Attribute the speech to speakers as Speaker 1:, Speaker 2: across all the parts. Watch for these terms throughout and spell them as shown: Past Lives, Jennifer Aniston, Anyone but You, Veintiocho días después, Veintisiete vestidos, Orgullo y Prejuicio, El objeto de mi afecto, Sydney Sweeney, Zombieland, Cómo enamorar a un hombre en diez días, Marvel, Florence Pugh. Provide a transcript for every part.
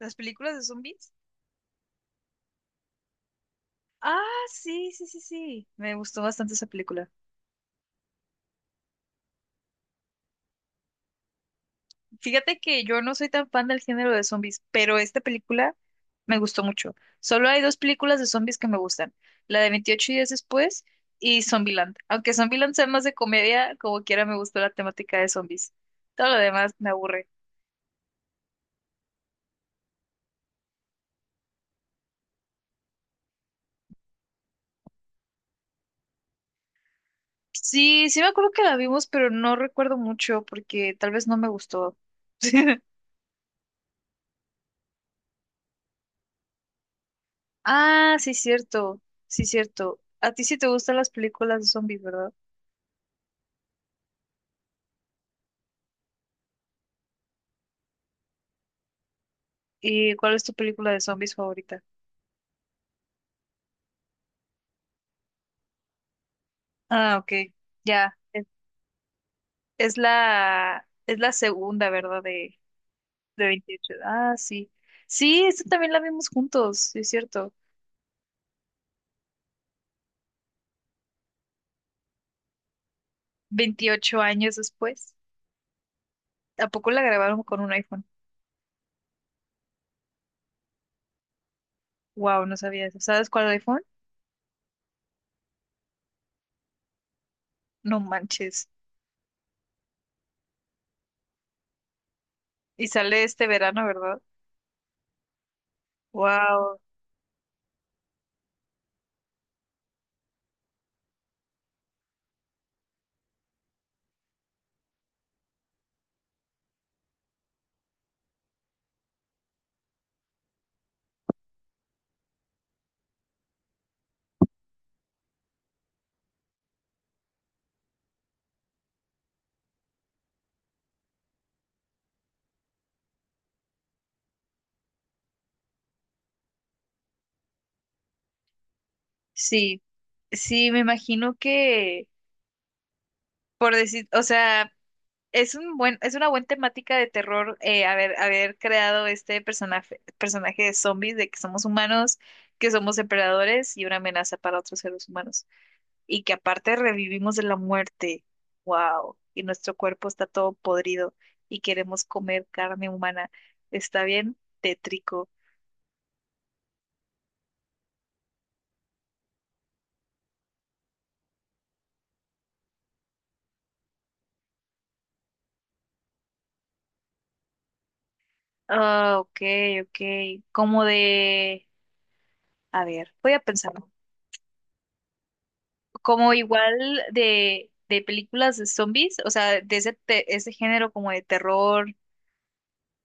Speaker 1: ¿Las películas de zombies? Ah, sí, sí, sí, sí. Me gustó bastante esa película. Fíjate que yo no soy tan fan del género de zombies, pero esta película me gustó mucho. Solo hay dos películas de zombies que me gustan. La de Veintiocho días después y Zombieland. Aunque Zombieland sea más de comedia, como quiera me gustó la temática de zombies. Todo lo demás me aburre. Sí, sí me acuerdo que la vimos, pero no recuerdo mucho porque tal vez no me gustó. Ah, sí, cierto. Sí, cierto. A ti sí te gustan las películas de zombies, ¿verdad? ¿Y cuál es tu película de zombies favorita? Ah, ok. Ya. Es la segunda, ¿verdad? De veintiocho. Ah, sí. Sí, esta también la vimos juntos, sí, es cierto. Veintiocho años después. ¿A poco la grabaron con un iPhone? Wow, no sabía eso. ¿Sabes cuál iPhone? No manches. Y sale este verano, ¿verdad? Wow. Sí. Sí, me imagino que, por decir, o sea. Es un buen, es una buena temática de terror haber creado este personaje de zombies, de que somos humanos, que somos depredadores y una amenaza para otros seres humanos. Y que aparte revivimos de la muerte. ¡Wow! Y nuestro cuerpo está todo podrido y queremos comer carne humana. Está bien tétrico. Ah, ok, ok. Como de... A ver, voy a pensar. Como igual de películas de zombies, o sea, de ese género como de terror,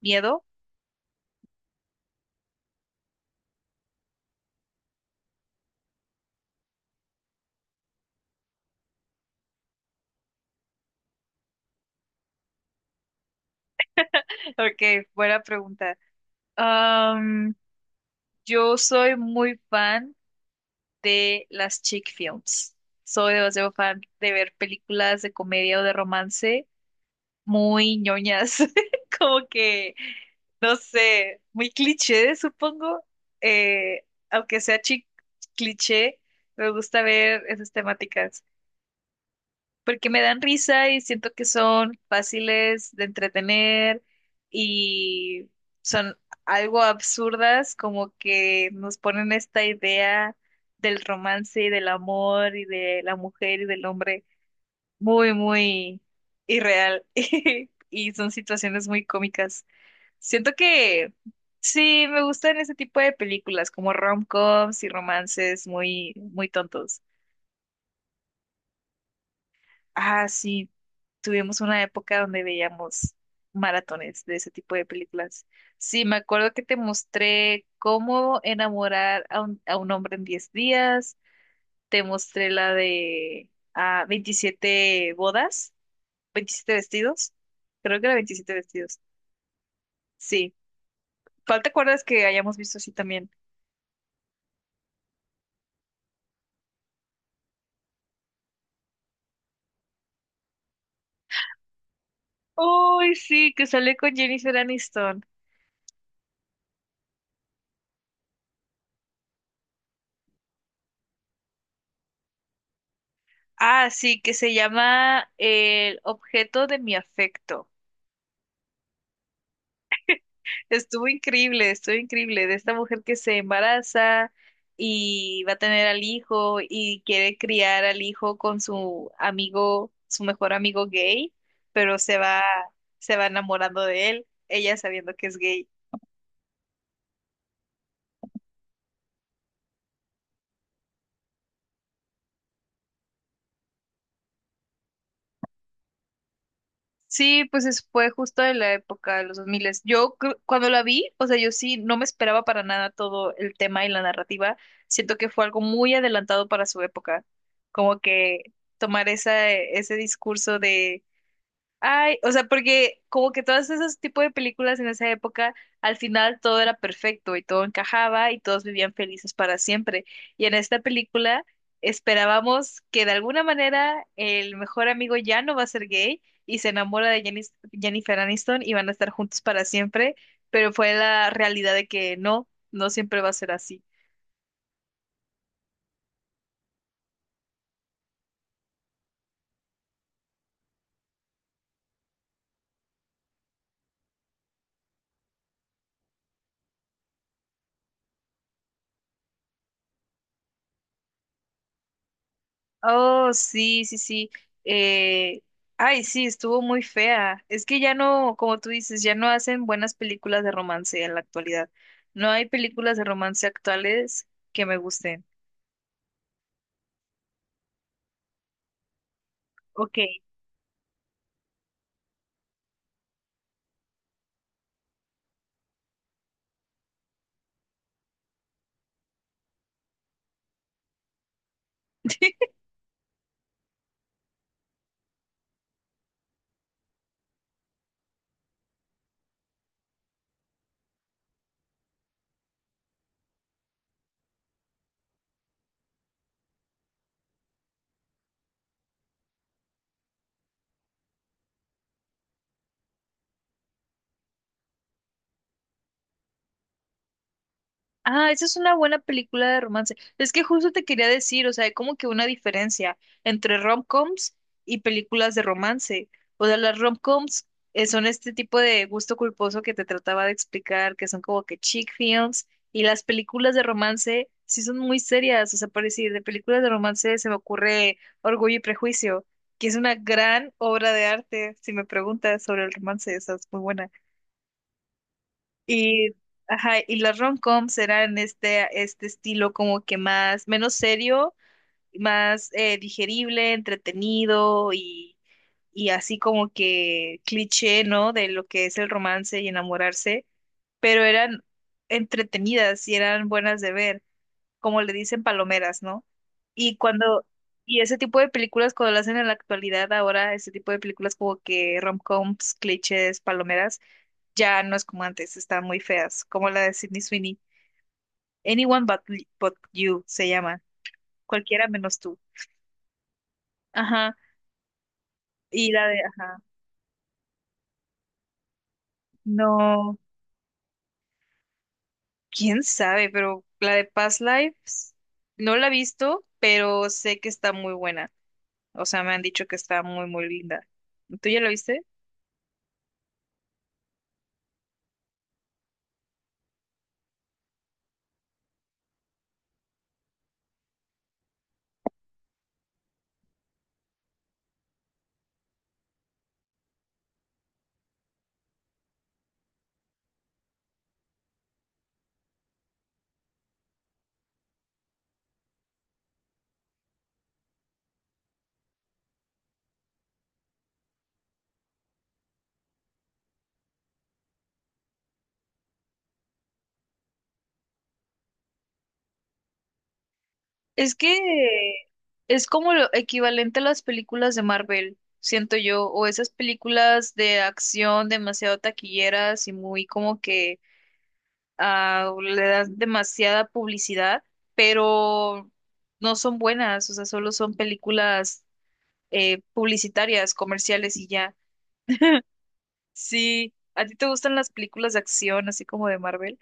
Speaker 1: miedo. Ok, buena pregunta. Am, yo soy muy fan de las chick films. Soy demasiado fan de ver películas de comedia o de romance muy ñoñas, como que, no sé, muy cliché, supongo. Aunque sea chick cliché, me gusta ver esas temáticas, porque me dan risa y siento que son fáciles de entretener y son algo absurdas, como que nos ponen esta idea del romance y del amor y de la mujer y del hombre muy, muy irreal y son situaciones muy cómicas. Siento que sí, me gustan ese tipo de películas como rom-coms y romances muy, muy tontos. Ah, sí, tuvimos una época donde veíamos maratones de ese tipo de películas. Sí, me acuerdo que te mostré cómo enamorar a un hombre en diez días, te mostré la de veintisiete bodas, veintisiete vestidos, creo que era veintisiete vestidos. Sí, ¿cuál te acuerdas que hayamos visto así también? Uy, sí, que sale con Jennifer Aniston. Ah, sí, que se llama El objeto de mi afecto. Estuvo increíble, estuvo increíble. De esta mujer que se embaraza y va a tener al hijo y quiere criar al hijo con su amigo, su mejor amigo gay, pero se va enamorando de él, ella sabiendo que es gay. Sí, pues es- fue justo en la época de los 2000. Cuando la vi, o sea, yo sí no me esperaba para nada todo el tema y la narrativa. Siento que fue algo muy adelantado para su época. Como que tomar esa, ese discurso. Ay, o sea, porque como que todos esos tipos de películas en esa época, al final todo era perfecto y todo encajaba y todos vivían felices para siempre. Y en esta película esperábamos que de alguna manera el mejor amigo ya no va a ser gay y se enamora de Jennifer Aniston y van a estar juntos para siempre, pero fue la realidad de que no, no siempre va a ser así. Oh, sí, sí, sí. Eh, ay, sí, estuvo muy fea. Es que ya no, como tú dices, ya no hacen buenas películas de romance en la actualidad. No hay películas de romance actuales que me gusten. Ok. Ah, esa es una buena película de romance. Es que justo te quería decir, o sea, hay como que una diferencia entre rom-coms y películas de romance. O sea, las rom-coms son este tipo de gusto culposo que te trataba de explicar, que son como que chick films, y las películas de romance sí son muy serias. O sea, por decir, de películas de romance se me ocurre Orgullo y Prejuicio, que es una gran obra de arte; si me preguntas sobre el romance, esa es muy buena. Y, ajá, y las rom-coms eran este, estilo como que más, menos serio, más digerible, entretenido y así como que cliché, ¿no? De lo que es el romance y enamorarse, pero eran entretenidas y eran buenas de ver, como le dicen palomeras, ¿no? Y cuando, y ese tipo de películas, cuando lo hacen en la actualidad, ahora ese tipo de películas como que rom-coms, clichés, palomeras ya no es como antes, están muy feas, como la de Sydney Sweeney. Anyone but you se llama. Cualquiera menos tú. Ajá. Ajá. No, quién sabe, pero la de Past Lives no la he visto, pero sé que está muy buena. O sea, me han dicho que está muy, muy linda. ¿Tú ya la viste? Es que es como lo equivalente a las películas de Marvel, siento yo, o esas películas de acción demasiado taquilleras y muy como que o le das demasiada publicidad, pero no son buenas, o sea, solo son películas publicitarias, comerciales y ya. Sí, ¿a ti te gustan las películas de acción, así como de Marvel?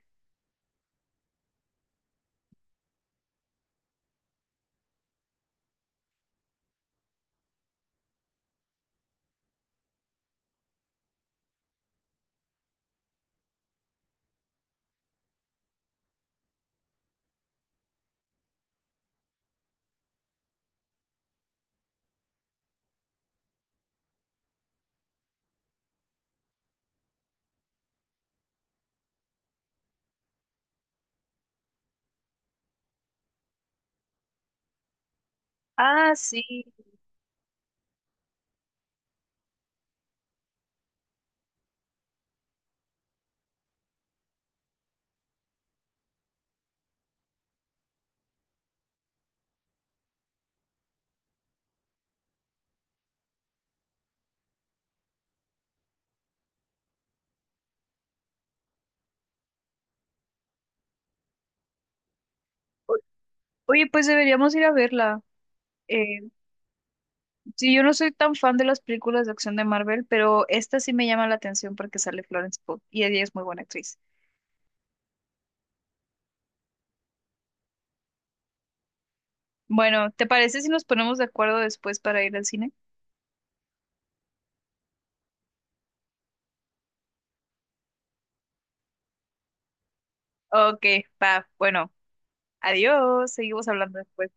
Speaker 1: Ah, sí. O- Oye, pues deberíamos ir a verla. Eh, sí, yo no soy tan fan de las películas de acción de Marvel, pero esta sí me llama la atención porque sale Florence Pugh y ella es muy buena actriz. Bueno, ¿te parece si nos ponemos de acuerdo después para ir al cine? Ok, va, bueno. Adiós, seguimos hablando después.